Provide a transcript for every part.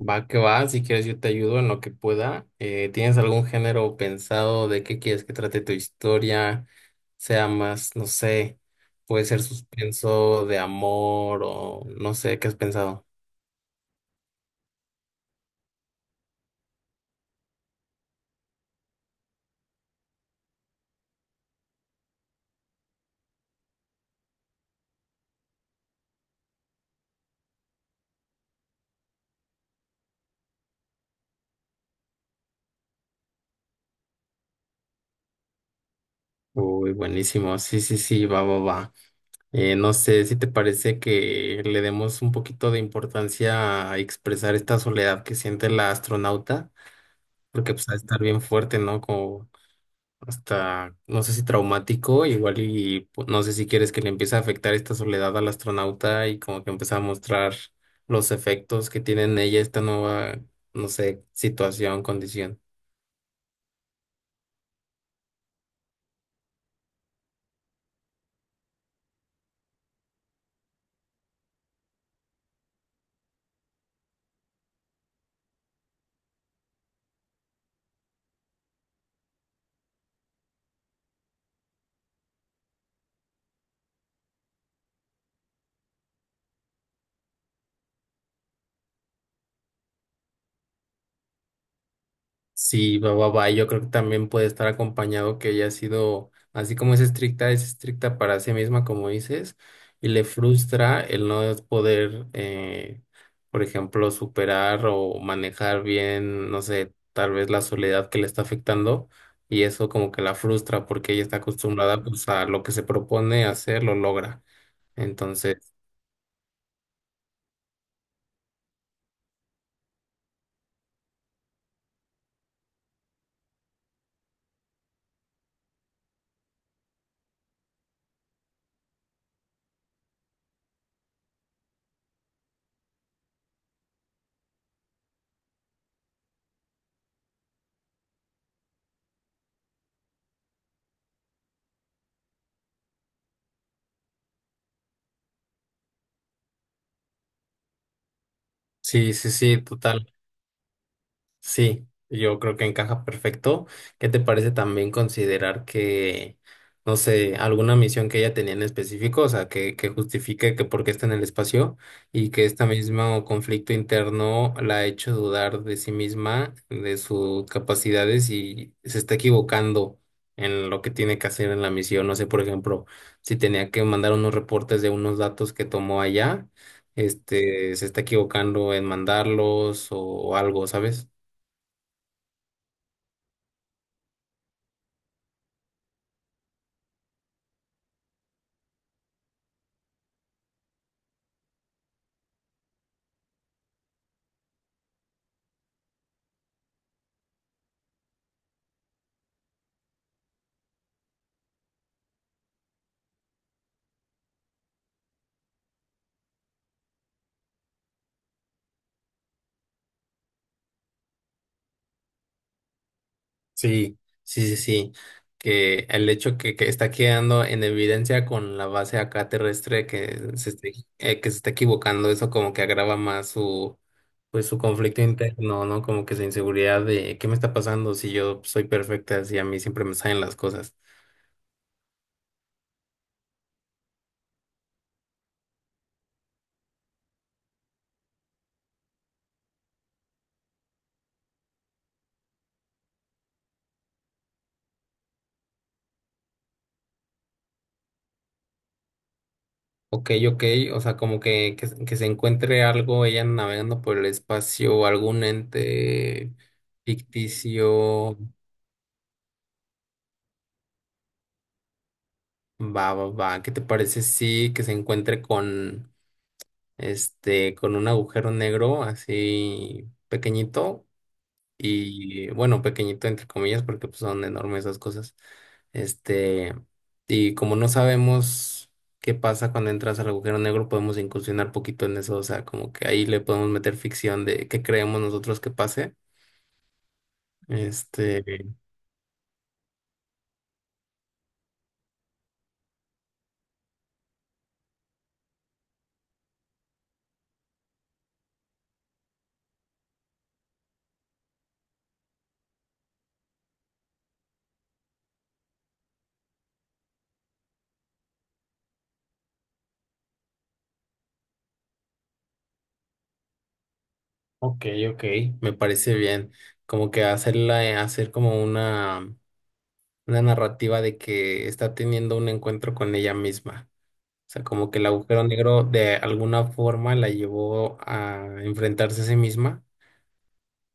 Va que va, si quieres yo te ayudo en lo que pueda. ¿Tienes algún género pensado de qué quieres que trate tu historia? Sea más, no sé, puede ser suspenso de amor o no sé, ¿qué has pensado? Uy, buenísimo, sí, sí, sí, va, va, va. No sé si te parece que le demos un poquito de importancia a expresar esta soledad que siente la astronauta, porque pues ha de estar bien fuerte, ¿no? Como hasta, no sé si traumático, igual y no sé si quieres que le empiece a afectar esta soledad al astronauta y como que empieza a mostrar los efectos que tiene en ella esta nueva, no sé, situación, condición. Sí, va, va, va. Yo creo que también puede estar acompañado que ella ha sido, así como es estricta para sí misma, como dices, y le frustra el no poder, por ejemplo, superar o manejar bien, no sé, tal vez la soledad que le está afectando, y eso como que la frustra porque ella está acostumbrada pues a lo que se propone hacer, lo logra. Entonces, sí, sí, sí, total. Sí, yo creo que encaja perfecto. ¿Qué te parece también considerar que, no sé, alguna misión que ella tenía en específico? O sea, que justifique que por qué está en el espacio y que este mismo conflicto interno la ha hecho dudar de sí misma, de sus capacidades y se está equivocando en lo que tiene que hacer en la misión. No sé, por ejemplo, si tenía que mandar unos reportes de unos datos que tomó allá, este, se está equivocando en mandarlos o algo, ¿sabes? Sí, sí, sí, sí. Que el hecho que está quedando en evidencia con la base acá terrestre que se esté, que se está equivocando, eso como que agrava más su, pues su conflicto interno, ¿no? Como que su inseguridad de ¿qué me está pasando si yo soy perfecta, si a mí siempre me salen las cosas? Ok, ok, o sea, como que se encuentre algo, ella navegando por el espacio, algún ente ficticio. Va, va, va, ¿qué te parece si que se encuentre con este, con un agujero negro así pequeñito? Y bueno, pequeñito entre comillas porque pues, son enormes esas cosas. Este, y como no sabemos qué pasa cuando entras al agujero negro, podemos incursionar poquito en eso, o sea, como que ahí le podemos meter ficción de qué creemos nosotros que pase. Este, ok, ok, me parece bien. Como que hacerla, hacer como una narrativa de que está teniendo un encuentro con ella misma. O sea, como que el agujero negro de alguna forma la llevó a enfrentarse a sí misma.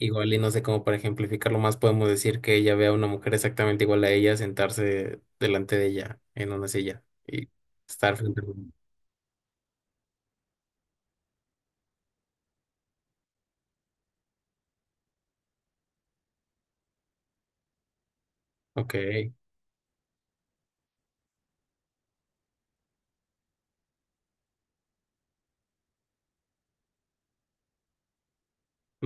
Igual y no sé cómo para ejemplificarlo más podemos decir que ella ve a una mujer exactamente igual a ella sentarse delante de ella en una silla y estar frente a Ok,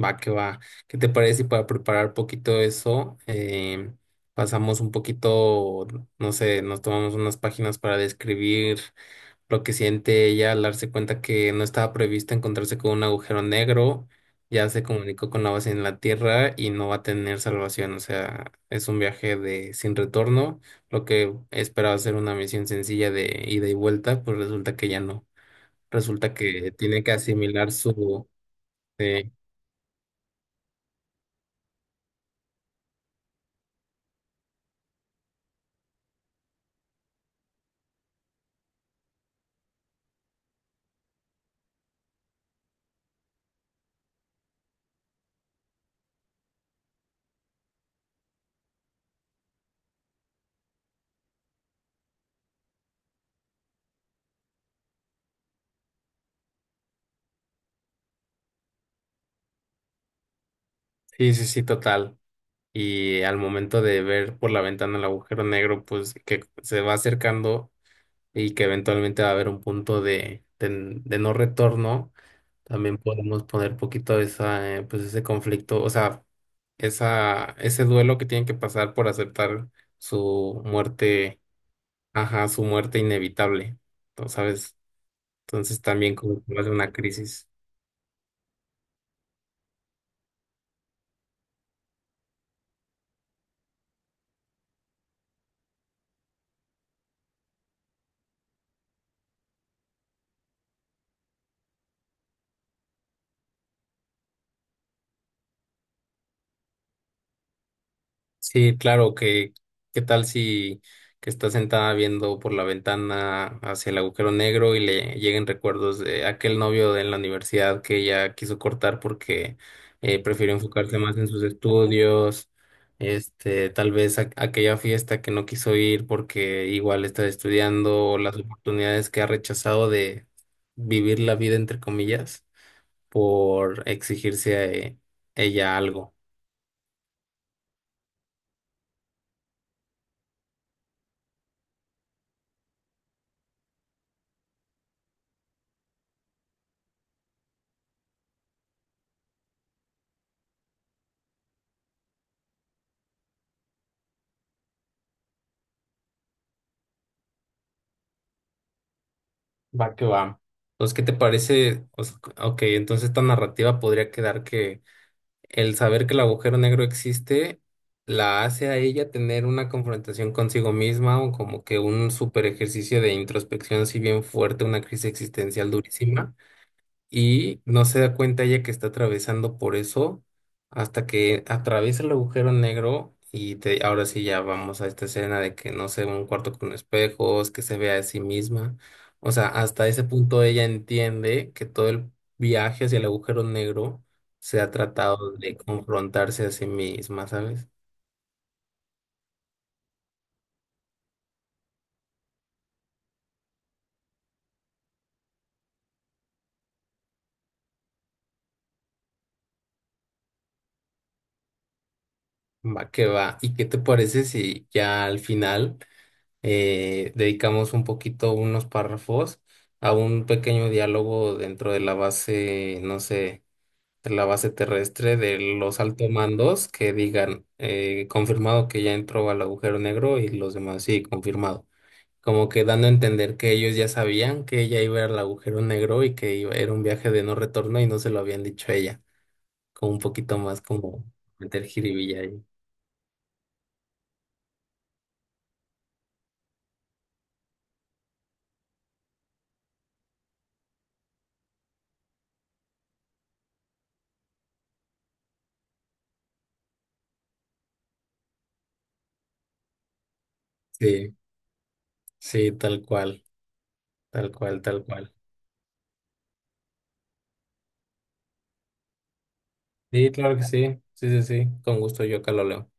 va que va. ¿Qué te parece si para preparar un poquito eso pasamos un poquito, no sé, nos tomamos unas páginas para describir lo que siente ella al darse cuenta que no estaba previsto encontrarse con un agujero negro, ya se comunicó con la base en la Tierra y no va a tener salvación? O sea, es un viaje de sin retorno, lo que esperaba ser una misión sencilla de ida y vuelta, pues resulta que ya no, resulta que tiene que asimilar su... eh, sí, sí, sí, total. Y al momento de ver por la ventana el agujero negro, pues que se va acercando y que eventualmente va a haber un punto de no retorno. También podemos poner poquito esa, pues ese conflicto, o sea, esa, ese duelo que tienen que pasar por aceptar su muerte, ajá, su muerte inevitable, ¿no? ¿Sabes? Entonces también como que va a ser una crisis. Sí, claro, que qué tal si que estás sentada viendo por la ventana hacia el agujero negro y le lleguen recuerdos de aquel novio de la universidad que ella quiso cortar porque prefirió enfocarse más en sus estudios, este, tal vez aquella fiesta que no quiso ir porque igual está estudiando, o las oportunidades que ha rechazado de vivir la vida entre comillas por exigirse a ella algo. Va que va. Pues, ¿qué te parece? O sea, ok, entonces esta narrativa podría quedar que el saber que el agujero negro existe la hace a ella tener una confrontación consigo misma o como que un super ejercicio de introspección, si bien fuerte, una crisis existencial durísima y no se da cuenta ella que está atravesando por eso hasta que atraviesa el agujero negro y ahora sí ya vamos a esta escena de que no sé, un cuarto con espejos, que se vea a sí misma. O sea, hasta ese punto ella entiende que todo el viaje hacia el agujero negro se ha tratado de confrontarse a sí misma, ¿sabes? Va que va. ¿Y qué te parece si ya al final... dedicamos un poquito, unos párrafos, a un pequeño diálogo dentro de la base, no sé, de la base terrestre de los altos mandos que digan, confirmado que ya entró al agujero negro y los demás, sí, confirmado? Como que dando a entender que ellos ya sabían que ella iba al agujero negro y que era un viaje de no retorno y no se lo habían dicho a ella. Como un poquito más como meter jiribilla ahí. Sí, sí, tal cual, tal cual, tal cual. Sí, claro que sí. Sí, sí, sí. Con gusto yo acá lo leo.